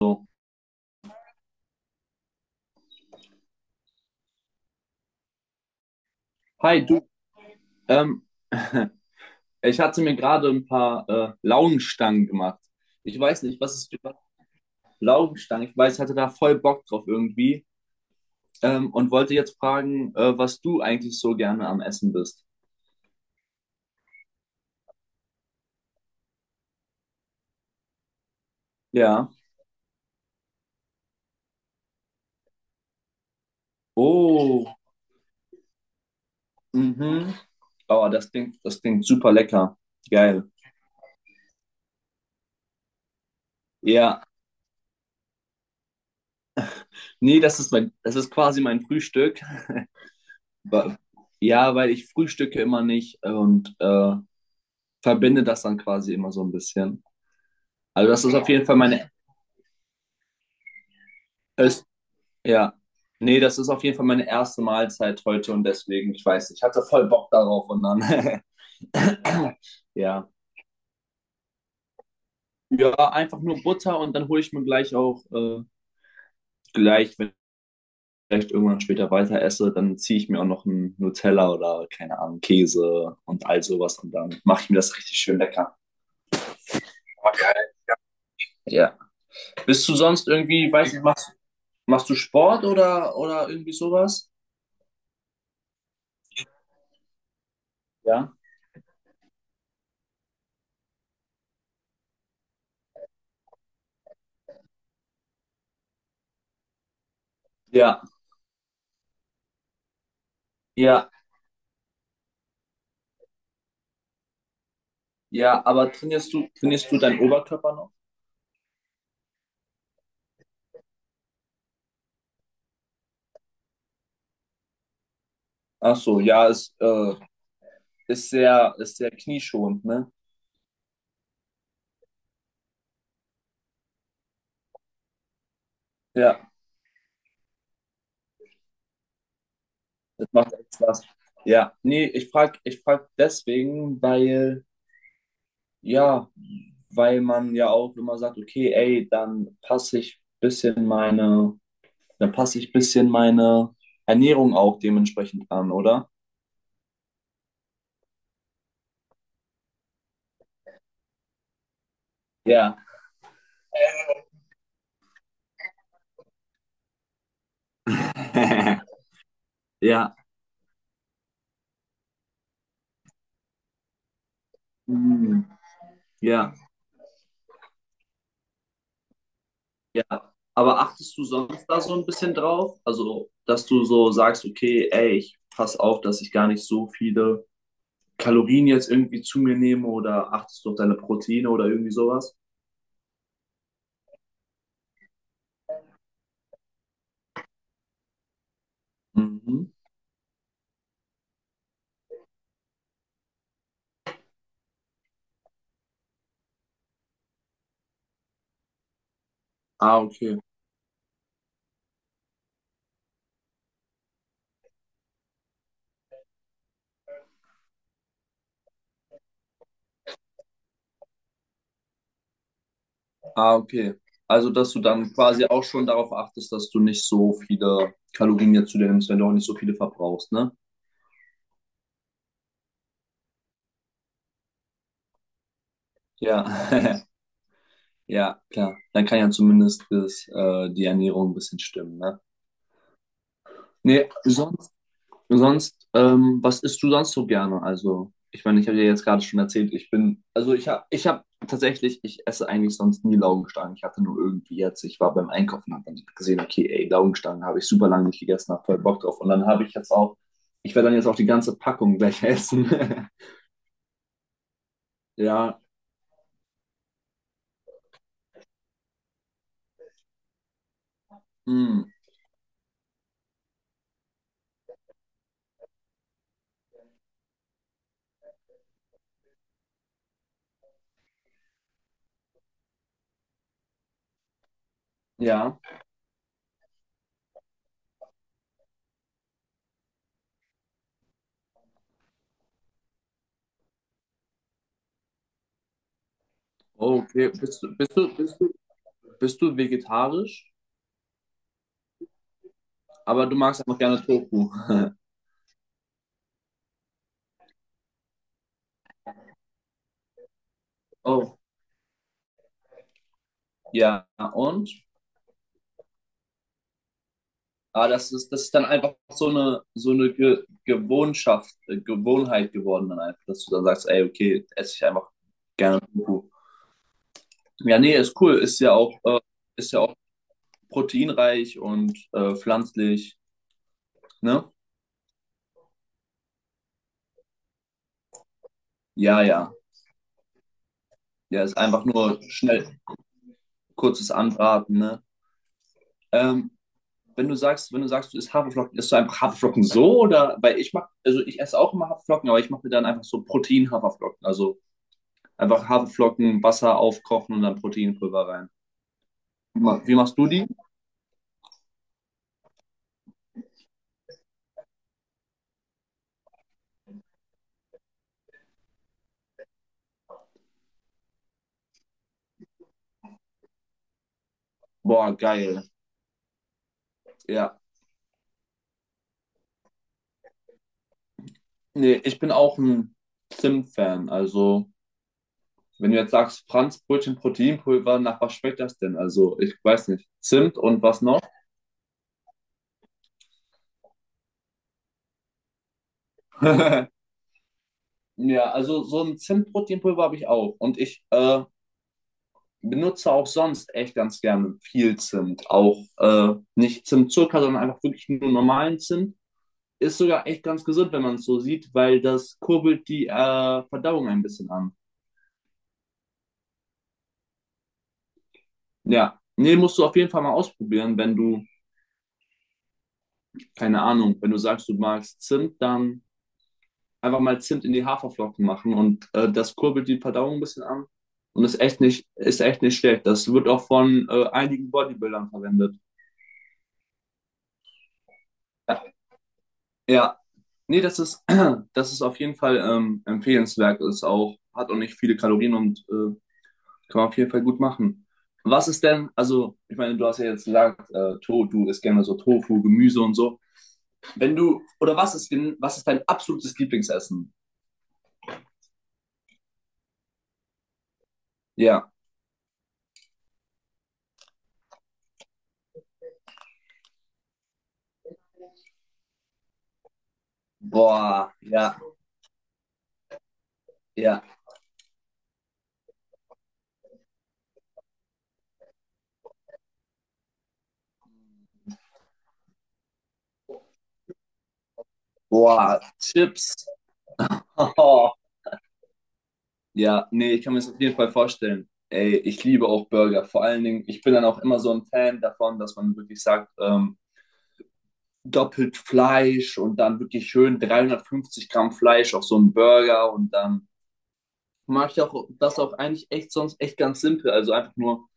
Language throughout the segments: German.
So. Hi, du, ähm, ich hatte mir gerade ein paar Laugenstangen gemacht. Ich weiß nicht, was ist über Laugenstangen? Ich weiß, ich hatte da voll Bock drauf irgendwie und wollte jetzt fragen, was du eigentlich so gerne am Essen bist. Ja. Oh, mhm. Oh, das klingt super lecker. Geil. Ja. Nee, das ist quasi mein Frühstück. Wa- Ja, weil ich frühstücke immer nicht und verbinde das dann quasi immer so ein bisschen. Also das ist auf jeden Fall meine, es- Ja, nee, das ist auf jeden Fall meine erste Mahlzeit heute und deswegen, ich weiß, nicht, ich hatte voll Bock darauf und dann, ja, ja, einfach nur Butter und dann hole ich mir gleich auch wenn ich vielleicht irgendwann später weiter esse, dann ziehe ich mir auch noch einen Nutella oder keine Ahnung Käse und all sowas und dann mache ich mir das richtig schön lecker. Okay. Ja. Bist du sonst irgendwie, weiß nicht, machst du Sport oder irgendwie sowas? Ja. Ja, ja. Ja, aber trainierst du deinen Oberkörper noch? Ach so, ja, ist sehr knieschonend, ne? Ja, das macht echt Spaß. Ja, nee, ich frag deswegen, weil, ja, weil man ja auch immer sagt, okay, ey, dann passe ich bisschen meine Ernährung auch dementsprechend an, oder? Ja. Ja. Mm, ja. Ja, aber achtest du sonst da so ein bisschen drauf? Also, dass du so sagst, okay, ey, ich pass auf, dass ich gar nicht so viele Kalorien jetzt irgendwie zu mir nehme oder achtest du auf deine Proteine oder irgendwie sowas? Mhm. Ah, okay. Ah, okay. Also, dass du dann quasi auch schon darauf achtest, dass du nicht so viele Kalorien jetzt zu dir nimmst, wenn du auch nicht so viele verbrauchst, ne? Ja, ja, klar. Dann kann ja zumindest das, die Ernährung ein bisschen stimmen, ne? Nee, sonst Sonst, was isst du sonst so gerne? Also, ich meine, ich habe dir jetzt gerade schon erzählt, ich bin, also ich habe tatsächlich, ich esse eigentlich sonst nie Laugenstangen. Ich hatte nur irgendwie jetzt, ich war beim Einkaufen und habe dann gesehen, okay, ey, Laugenstangen habe ich super lange nicht gegessen, habe voll Bock drauf. Und dann habe ich jetzt auch, ich werde dann jetzt auch die ganze Packung gleich essen. Ja, mm, ja. Oh, okay, bist du vegetarisch? Aber du magst einfach gerne Tofu. Oh, ja, und? Aber das ist dann einfach so eine Ge Gewohnschaft, Gewohnheit geworden dann einfach, dass du dann sagst, ey, okay, esse ich einfach gerne Tofu. Ja, nee, ist cool. Ist ja auch proteinreich und pflanzlich, ne? Ja, ja. Ja, ist einfach nur schnell kurzes Anbraten, ne? Ähm, wenn du sagst, du isst Haferflocken, isst du einfach Haferflocken so oder? Weil ich mach, also ich esse auch immer Haferflocken, aber ich mache mir dann einfach so Protein-Haferflocken. Einfach Haferflocken, Wasser aufkochen und dann Proteinpulver rein. Wie machst du die? Boah, geil. Ja. Nee, ich bin auch ein Zimt-Fan. Also, wenn du jetzt sagst, Franz Brötchen Proteinpulver, nach was schmeckt das denn? Also, ich weiß nicht. Zimt und was noch? Ja, also so ein Zimt-Proteinpulver habe ich auch. Und ich benutze auch sonst echt ganz gerne viel Zimt. Auch nicht Zimtzucker, sondern einfach wirklich nur normalen Zimt. Ist sogar echt ganz gesund, wenn man es so sieht, weil das kurbelt die Verdauung ein bisschen an. Ja. Nee, musst du auf jeden Fall mal ausprobieren, wenn du, keine Ahnung, wenn du sagst, du magst Zimt, dann einfach mal Zimt in die Haferflocken machen und das kurbelt die Verdauung ein bisschen an und ist echt nicht schlecht. Das wird auch von einigen Bodybuildern verwendet. Ja, ja. Nee, das ist, das ist auf jeden Fall empfehlenswert. Ist auch, hat auch nicht viele Kalorien und kann man auf jeden Fall gut machen. Was ist denn, also, ich meine, du hast ja jetzt gesagt, du isst gerne so Tofu, Gemüse und so. Wenn du, oder was ist, denn? Was ist dein absolutes Lieblingsessen? Ja. Boah, ja, ja. Boah, Chips. Oh. Ja, nee, ich kann mir das auf jeden Fall vorstellen. Ey, ich liebe auch Burger. Vor allen Dingen, ich bin dann auch immer so ein Fan davon, dass man wirklich sagt, doppelt Fleisch und dann wirklich schön 350 Gramm Fleisch auf so einen Burger und dann mache ich auch das auch eigentlich echt sonst echt ganz simpel. Also einfach nur,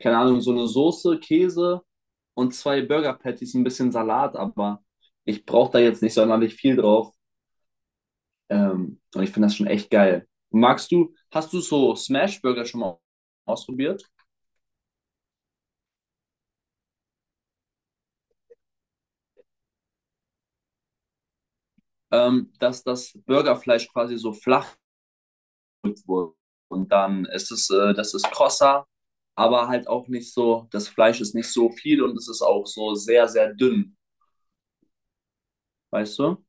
keine Ahnung, so eine Soße, Käse und zwei Burger Patties, ein bisschen Salat, aber ich brauche da jetzt nicht sonderlich viel drauf. Und ich finde das schon echt geil. Hast du so Smash Burger schon mal ausprobiert? Dass das Burgerfleisch quasi so flach gedrückt wurde. Und dann ist es, das ist krosser, aber halt auch nicht so, das Fleisch ist nicht so viel und es ist auch so sehr, sehr dünn. Weißt du?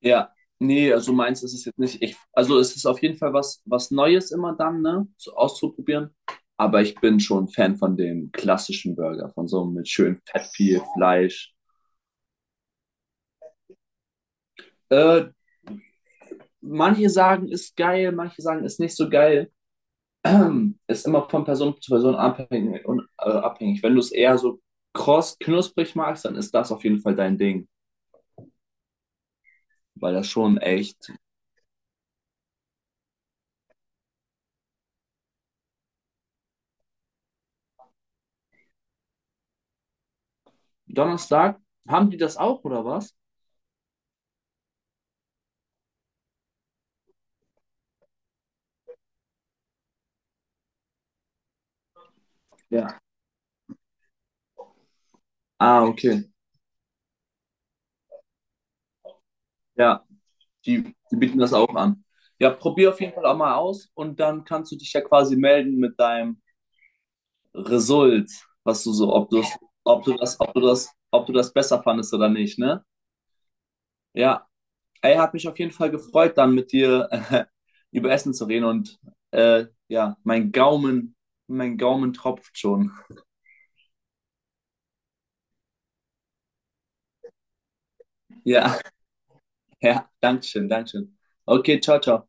Ja, nee, also meins ist es jetzt nicht. Ich, also es ist auf jeden Fall was, was Neues immer dann, ne, so auszuprobieren. Aber ich bin schon Fan von dem klassischen Burger, von so einem mit schön fett viel Fleisch. Äh, manche sagen, ist geil, manche sagen, ist nicht so geil. Ist immer von Person zu Person abhängig, Wenn du es eher so kross, knusprig magst, dann ist das auf jeden Fall dein Ding. Weil das schon echt. Donnerstag, haben die das auch oder was? Ja. Ah, okay. Ja. Die bieten das auch an. Ja, probier auf jeden Fall auch mal aus und dann kannst du dich ja quasi melden mit deinem Result, was du so, ob du, ob du das besser fandest oder nicht, ne? Ja, ey, hat mich auf jeden Fall gefreut, dann mit dir über Essen zu reden und ja, mein Gaumen tropft schon. Ja, ja, Dankeschön, Dankeschön. Okay, ciao, ciao.